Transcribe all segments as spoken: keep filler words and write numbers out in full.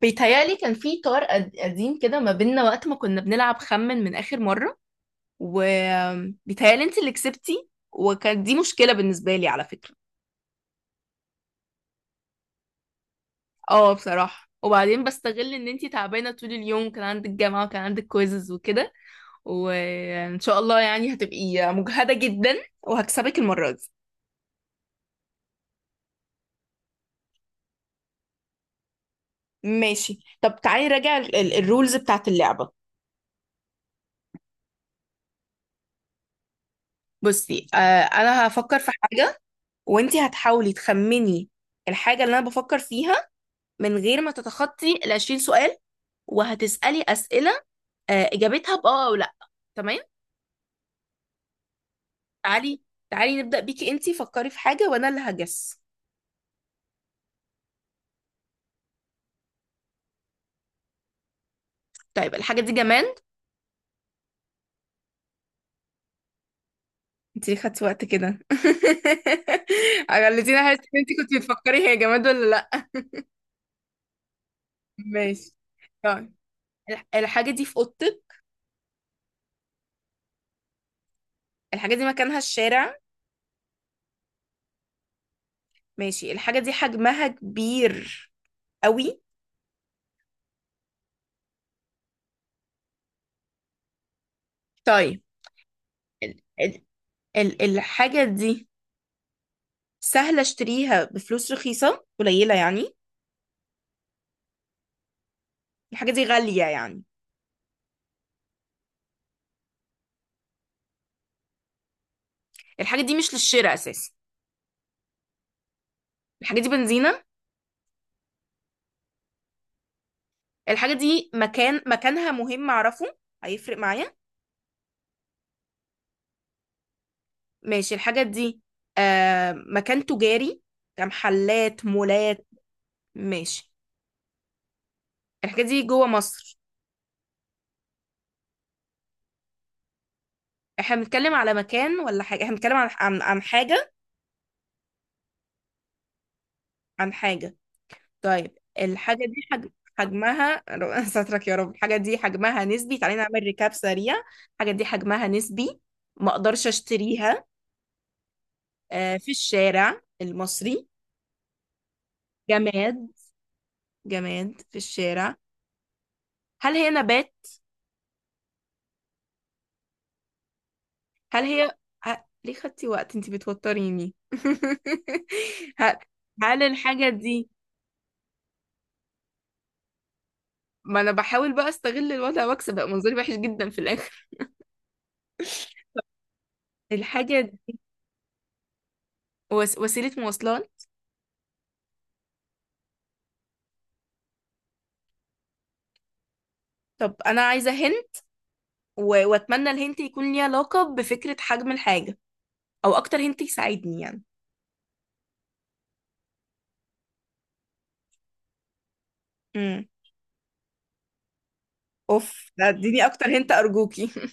بيتهيألي كان في طار قد- قديم كده ما بيننا وقت ما كنا بنلعب. خمن من آخر مرة وبيتهيألي انت اللي كسبتي، وكانت دي مشكلة بالنسبة لي على فكرة. اه، بصراحة، وبعدين بستغل ان انت تعبانة، طول اليوم كان عندك جامعة وكان عندك كويزز وكده، وان شاء الله يعني هتبقي مجهدة جدا وهكسبك المرة دي. ماشي، طب تعالي راجع ال- ال- الرولز بتاعت اللعبة. بصي، آه انا هفكر في حاجة وانت هتحاولي تخمني الحاجة اللي انا بفكر فيها من غير ما تتخطي ال عشرين سؤال. وهتسألي أسئلة، آه، إجابتها بأه أو لأ. تمام. تعالي، تعالي نبدأ بيكي. انتي فكري في حاجة وأنا اللي هجس. طيب، الحاجة دي جماد؟ انتي ليه خدتي وقت كده؟ خليتيني أحس إن انتي كنتي بتفكري هي جماد ولا لأ. ماشي. طيب، الح- الحاجة دي في أوضتك؟ الحاجة دي مكانها الشارع؟ ماشي. الحاجة دي حجمها كبير قوي؟ طيب، ال ال ال الحاجة دي سهلة اشتريها بفلوس رخيصة قليلة يعني؟ الحاجة دي غالية يعني؟ الحاجة دي مش للشراء أساسا؟ الحاجة دي بنزينة؟ الحاجة دي مكان مكانها مهم أعرفه، هيفرق معايا؟ ماشي. الحاجة دي آه مكان تجاري، كمحلات مولات؟ ماشي. الحاجة دي جوه مصر؟ احنا بنتكلم على مكان ولا حاجة؟ احنا بنتكلم عن عن عن حاجة؟ عن حاجة. طيب الحاجة دي حجم حجمها... سترك يا رب. الحاجة دي حجمها نسبي. تعالي نعمل ريكاب سريع. الحاجة دي حجمها نسبي، ما اقدرش اشتريها، آه، في الشارع المصري. جماد، جماد في الشارع. هل هي نبات؟ هل هي... ه- ليه خدتي وقت؟ انتي بتوتريني. ه- هل الحاجة دي... ما انا بحاول بقى استغل الوضع واكسب، بقى منظري وحش جدا في الاخر. الحاجة دي وس... وسيلة مواصلات؟ طب انا عايزة هن و... واتمنى الهنت يكون ليه علاقة بفكرة حجم الحاجة، او اكتر هنت يساعدني يعني. امم اوف، لا، اديني اكتر هنت ارجوكي.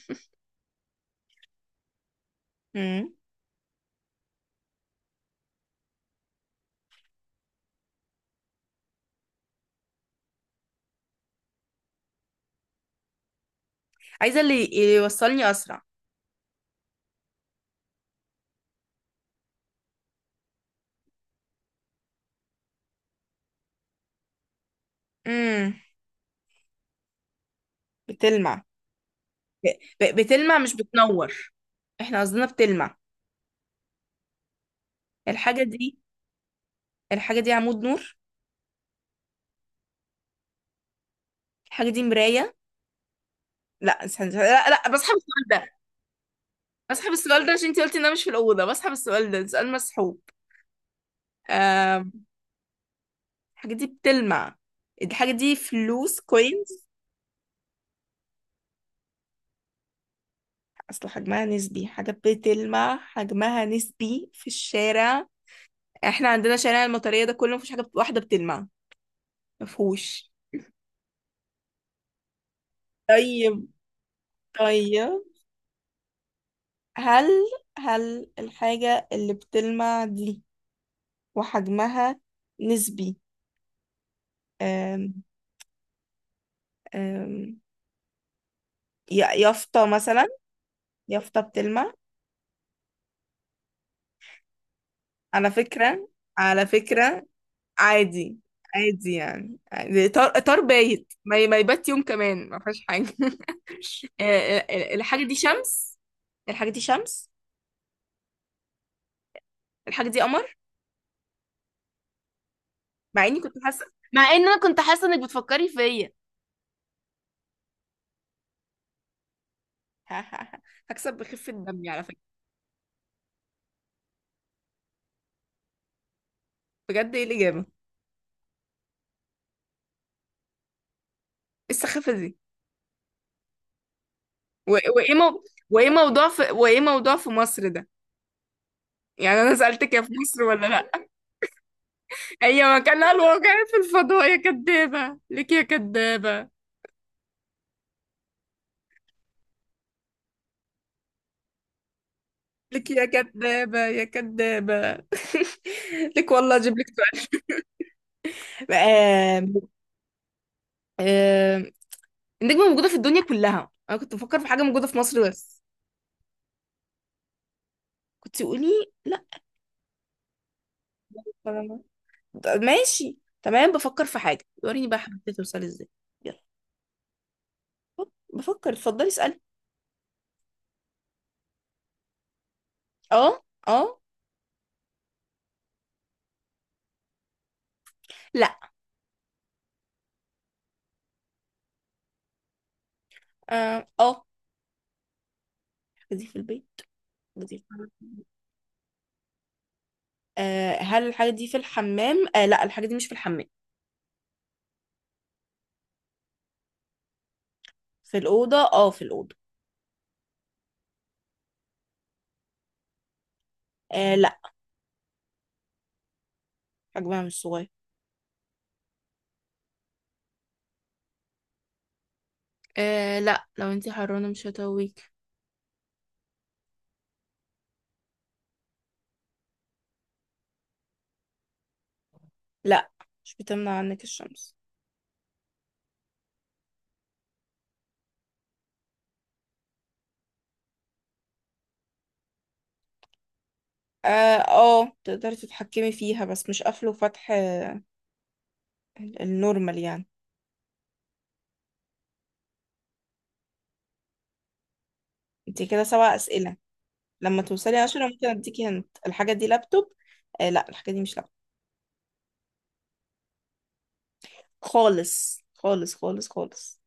امم عايزة اللي يوصلني اسرع. امم بتلمع؟ ب- ب- بتلمع مش بتنور؟ احنا قصدنا بتلمع. الحاجة دي... الحاجة دي عمود نور؟ الحاجة دي مراية؟ لا استنى استنى. لا لا، بسحب السؤال ده. بسحب السؤال ده عشان انت قلتي ان انا مش في الأوضة. بسحب السؤال ده، سؤال مسحوب. آم، الحاجة دي بتلمع. الحاجة دي فلوس كوينز؟ اصل حجمها نسبي، حاجة بتلمع حجمها نسبي في الشارع. احنا عندنا شارع المطرية ده كله مفيش حاجة بت- واحدة بتلمع، مفهوش. طيب، طيب، هل... هل الحاجة اللي بتلمع دي وحجمها نسبي أم أم ي- يافطة مثلا؟ يافطة بتلمع، على فكرة، على فكرة عادي، عادي يعني عادي. طار طار بايت، ما ي- ما يبات يوم كمان، ما فيهاش حاجة. آه، آه، الحاجة دي شمس؟ الحاجة دي شمس؟ الحاجة دي قمر؟ مع اني كنت حاسة، مع ان انا كنت حاسه انك بتفكري فيا. هكسب بخفة دمي على فكرة. بجد، ايه الإجابة؟ ايه السخافة دي؟ و- وايه مو... وايه موضوع في وايه موضوع في مصر ده؟ يعني انا سألتك يا في مصر ولا لا. هي مكانها الواقعي في الفضاء، يا كدابة، لك يا كدابة، لك يا كدابة، يا كدابة. لك والله اجيب لك سؤال. آم، آم، النجمة موجودة في الدنيا كلها، انا كنت بفكر في حاجة موجودة في مصر بس. كنت تقولي لا. فأنا- ماشي، تمام. بفكر في حاجة، وريني بقى حبيتي توصلي ازاي. يلا بفكر. اتفضلي اسألي. اه، اه. لا. اه، آه. دي في البيت. دي... آه، هل الحاجة دي في الحمام؟ آه لا، الحاجة دي مش في الحمام. في الأوضة. اه، في الأوضة. آه لا، حجمها مش صغير. آه لا، لو انتي حرانة مش هتقويك. لا، مش بتمنع عنك الشمس. اه، آه، تقدري تتحكمي فيها بس مش قفل وفتح. آه، ال- النورمال يعني. انت كده سبع أسئلة، لما توصلي عشرة ممكن اديكي هنت. الحاجة دي لابتوب؟ آه لا، الحاجة دي مش لابتوب. خالص خالص خالص خالص.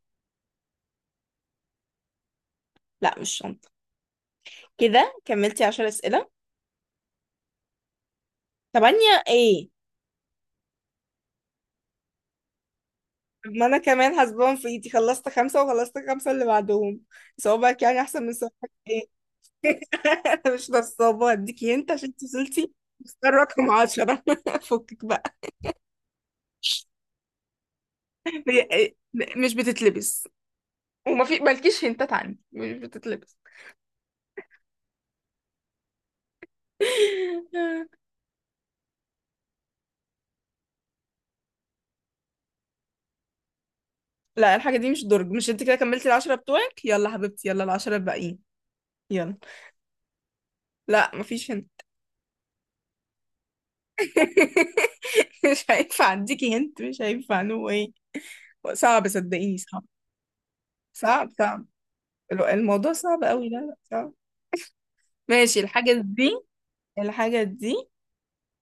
لا مش شنطة. كده كملتي عشر أسئلة. تمانية ايه؟ طب ما انا كمان حاسباهم في ايدي. خلصت خمسة وخلصت خمسة اللي بعدهم. صوابعك يعني احسن من صوابعك، ايه؟ انا مش نصابة، هديكي انت عشان انت وصلتي. مختار رقم عشرة. فكك بقى. هي- إيه؟ مش بتتلبس، وما في مالكيش هنتات عندي. مش بتتلبس. لا الحاجة دي مش درج. مش انت كده كملتي العشرة بتوعك؟ يلا حبيبتي، يلا العشرة الباقيين. يلا. لا مفيش هنت. مش هينفع اديكي هنت، مش هينفع، نو. صعب، صدقيني صعب، صعب، صعب. الو- الموضوع صعب قوي. لا لا، صعب. ماشي، الحاجة دي... الحاجة دي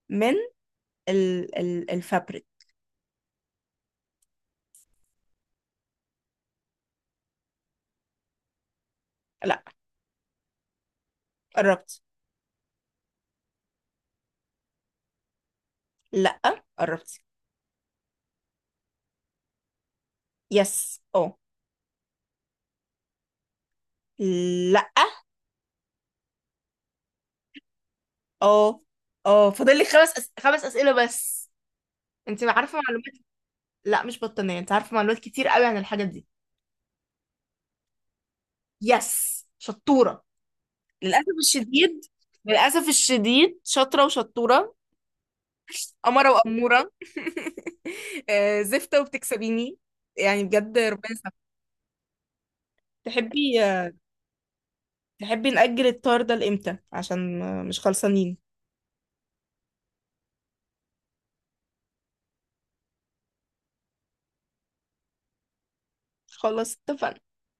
من ال ال الفابريك. لا، قربت. لا، قربت. يس، اه. لا. اه، اه، فاضل لك خمس أس... خمس أسئلة بس. انت عارفة معلومات. لا مش بطانية، انت عارفة معلومات كتير قوي عن الحاجة دي. يس شطورة، للأسف الشديد، للأسف الشديد، شاطرة وشطورة، قمرة وأمورة. آه، زفتة وبتكسبيني يعني، بجد ربنا يسامحك. تحبي تحبي نأجل الطار ده لإمتى؟ عشان آه، مش خلصانين. خلاص اتفقنا.